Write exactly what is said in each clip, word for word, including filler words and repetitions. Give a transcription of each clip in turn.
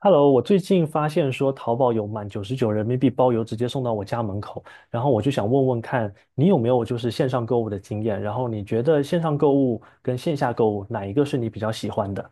Hello，我最近发现说淘宝有满九十九人民币包邮直接送到我家门口，然后我就想问问看你有没有就是线上购物的经验，然后你觉得线上购物跟线下购物哪一个是你比较喜欢的？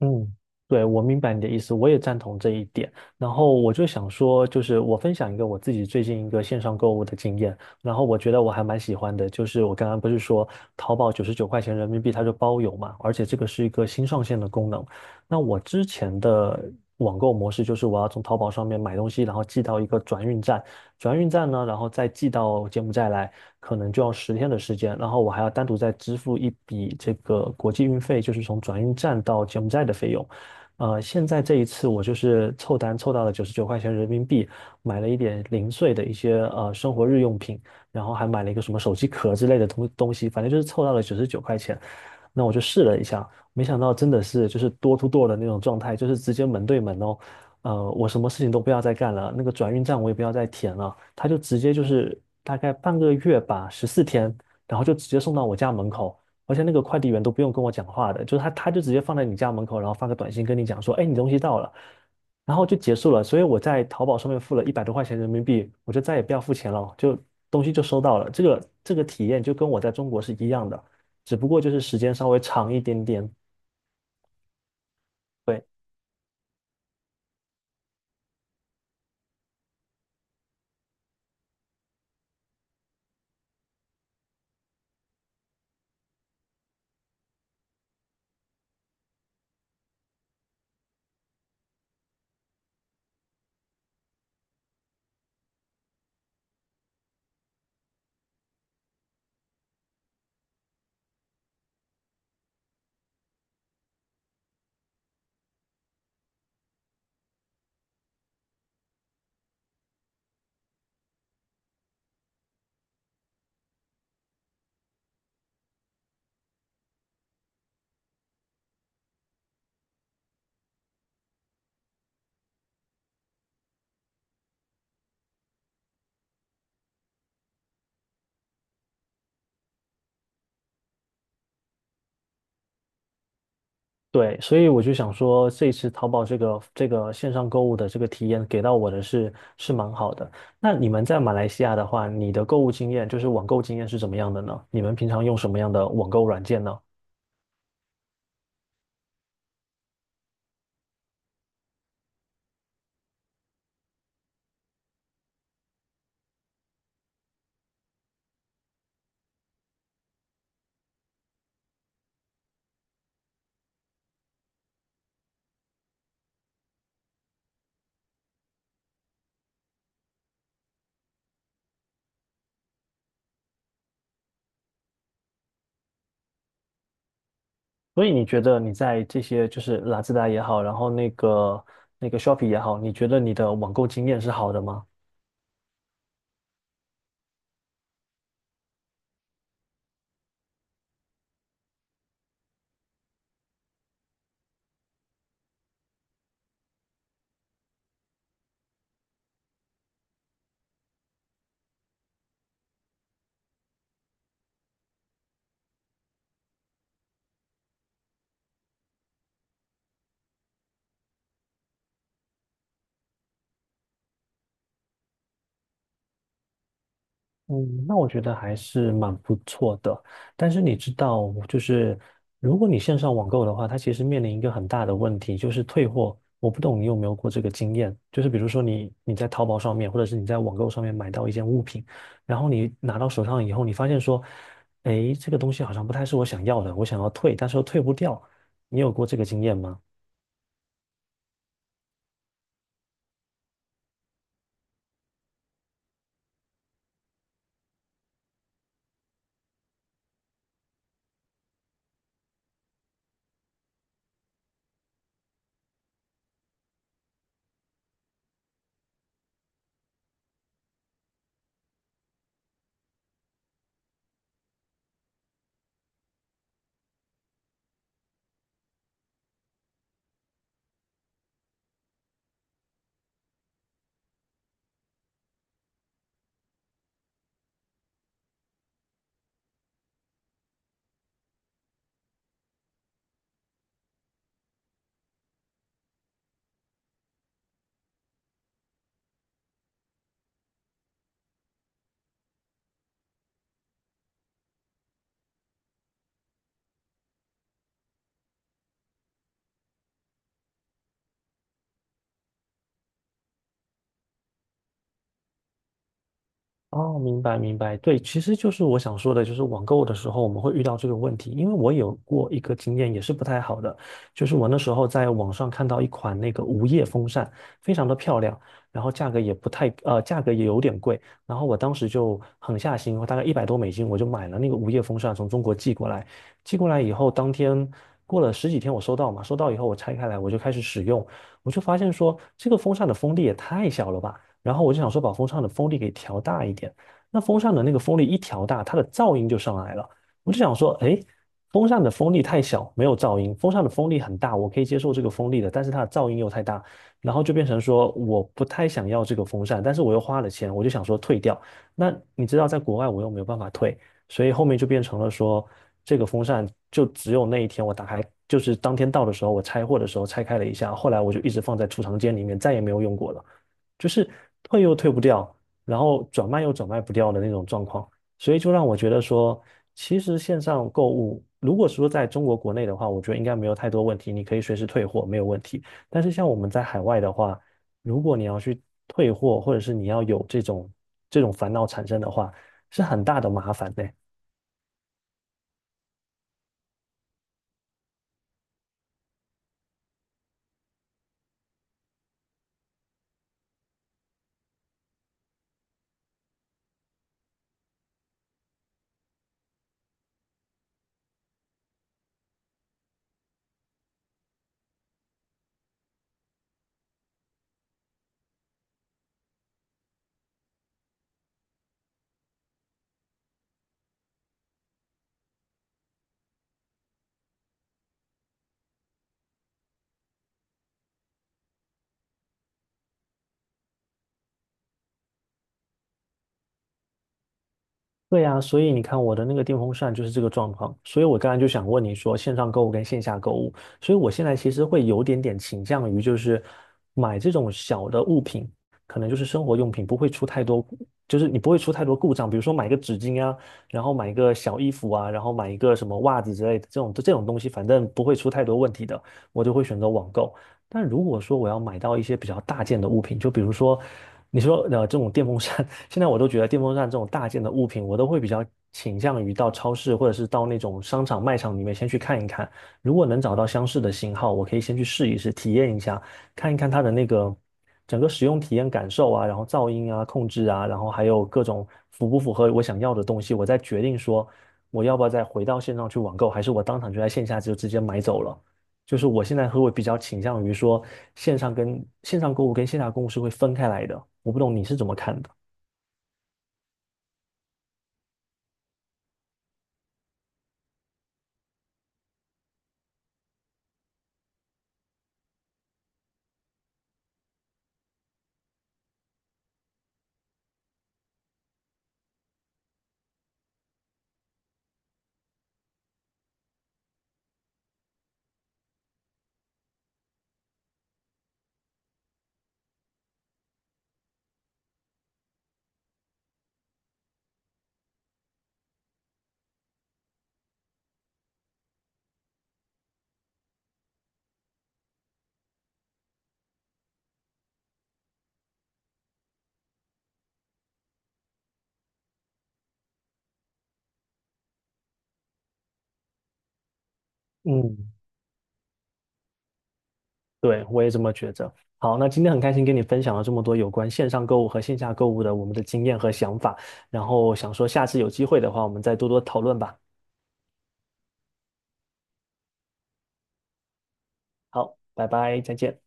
嗯，对，我明白你的意思，我也赞同这一点。然后我就想说，就是我分享一个我自己最近一个线上购物的经验，然后我觉得我还蛮喜欢的，就是我刚刚不是说淘宝九十九块钱人民币它就包邮嘛，而且这个是一个新上线的功能。那我之前的网购模式就是我要从淘宝上面买东西，然后寄到一个转运站，转运站呢，然后再寄到柬埔寨来，可能就要十天的时间，然后我还要单独再支付一笔这个国际运费，就是从转运站到柬埔寨的费用。呃，现在这一次我就是凑单凑到了九十九块钱人民币，买了一点零碎的一些呃生活日用品，然后还买了一个什么手机壳之类的东东西，反正就是凑到了九十九块钱。那我就试了一下，没想到真的是就是 door to door 的那种状态，就是直接门对门哦。呃，我什么事情都不要再干了，那个转运站我也不要再填了，他就直接就是大概半个月吧，十四天，然后就直接送到我家门口，而且那个快递员都不用跟我讲话的，就是他他就直接放在你家门口，然后发个短信跟你讲说，哎，你东西到了，然后就结束了。所以我在淘宝上面付了一百多块钱人民币，我就再也不要付钱了，就东西就收到了。这个这个体验就跟我在中国是一样的，只不过就是时间稍微长一点点。对。对，所以我就想说，这一次淘宝这个这个线上购物的这个体验给到我的是是蛮好的。那你们在马来西亚的话，你的购物经验就是网购经验是怎么样的呢？你们平常用什么样的网购软件呢？所以你觉得你在这些就是拉兹达也好，然后那个那个 Shopee 也好，你觉得你的网购经验是好的吗？嗯，那我觉得还是蛮不错的。但是你知道，就是如果你线上网购的话，它其实面临一个很大的问题，就是退货。我不懂你有没有过这个经验，就是比如说你你在淘宝上面，或者是你在网购上面买到一件物品，然后你拿到手上以后，你发现说，诶，这个东西好像不太是我想要的，我想要退，但是又退不掉。你有过这个经验吗？哦，明白明白，对，其实就是我想说的，就是网购的时候我们会遇到这个问题，因为我有过一个经验也是不太好的，就是我那时候在网上看到一款那个无叶风扇，非常的漂亮，然后价格也不太，呃，价格也有点贵，然后我当时就狠下心，我大概一百多美金，我就买了那个无叶风扇，从中国寄过来，寄过来以后，当天过了十几天我收到嘛，收到以后我拆开来我就开始使用，我就发现说这个风扇的风力也太小了吧。然后我就想说把风扇的风力给调大一点。那风扇的那个风力一调大，它的噪音就上来了。我就想说，哎，风扇的风力太小，没有噪音；风扇的风力很大，我可以接受这个风力的，但是它的噪音又太大，然后就变成说我不太想要这个风扇，但是我又花了钱，我就想说退掉。那你知道，在国外我又没有办法退，所以后面就变成了说，这个风扇就只有那一天我打开，就是当天到的时候，我拆货的时候拆开了一下，后来我就一直放在储藏间里面，再也没有用过了。就是退又退不掉，然后转卖又转卖不掉的那种状况，所以就让我觉得说，其实线上购物，如果说在中国国内的话，我觉得应该没有太多问题，你可以随时退货，没有问题。但是像我们在海外的话，如果你要去退货，或者是你要有这种这种烦恼产生的话，是很大的麻烦的。对呀，所以你看我的那个电风扇就是这个状况，所以我刚才就想问你说线上购物跟线下购物，所以我现在其实会有点点倾向于就是买这种小的物品，可能就是生活用品，不会出太多，就是你不会出太多故障，比如说买个纸巾啊，然后买一个小衣服啊，然后买一个什么袜子之类的这种这种东西，反正不会出太多问题的，我就会选择网购。但如果说我要买到一些比较大件的物品，就比如说。你说呃这种电风扇，现在我都觉得电风扇这种大件的物品，我都会比较倾向于到超市或者是到那种商场卖场里面先去看一看。如果能找到相似的型号，我可以先去试一试，体验一下，看一看它的那个整个使用体验感受啊，然后噪音啊、控制啊，然后还有各种符不符合我想要的东西，我再决定说我要不要再回到线上去网购，还是我当场就在线下就直接买走了。就是我现在会比较倾向于说线上跟线上购物跟线下购物是会分开来的，我不懂你是怎么看的？嗯对，我也这么觉着。好，那今天很开心跟你分享了这么多有关线上购物和线下购物的我们的经验和想法，然后想说下次有机会的话，我们再多多讨论吧。好，拜拜，再见。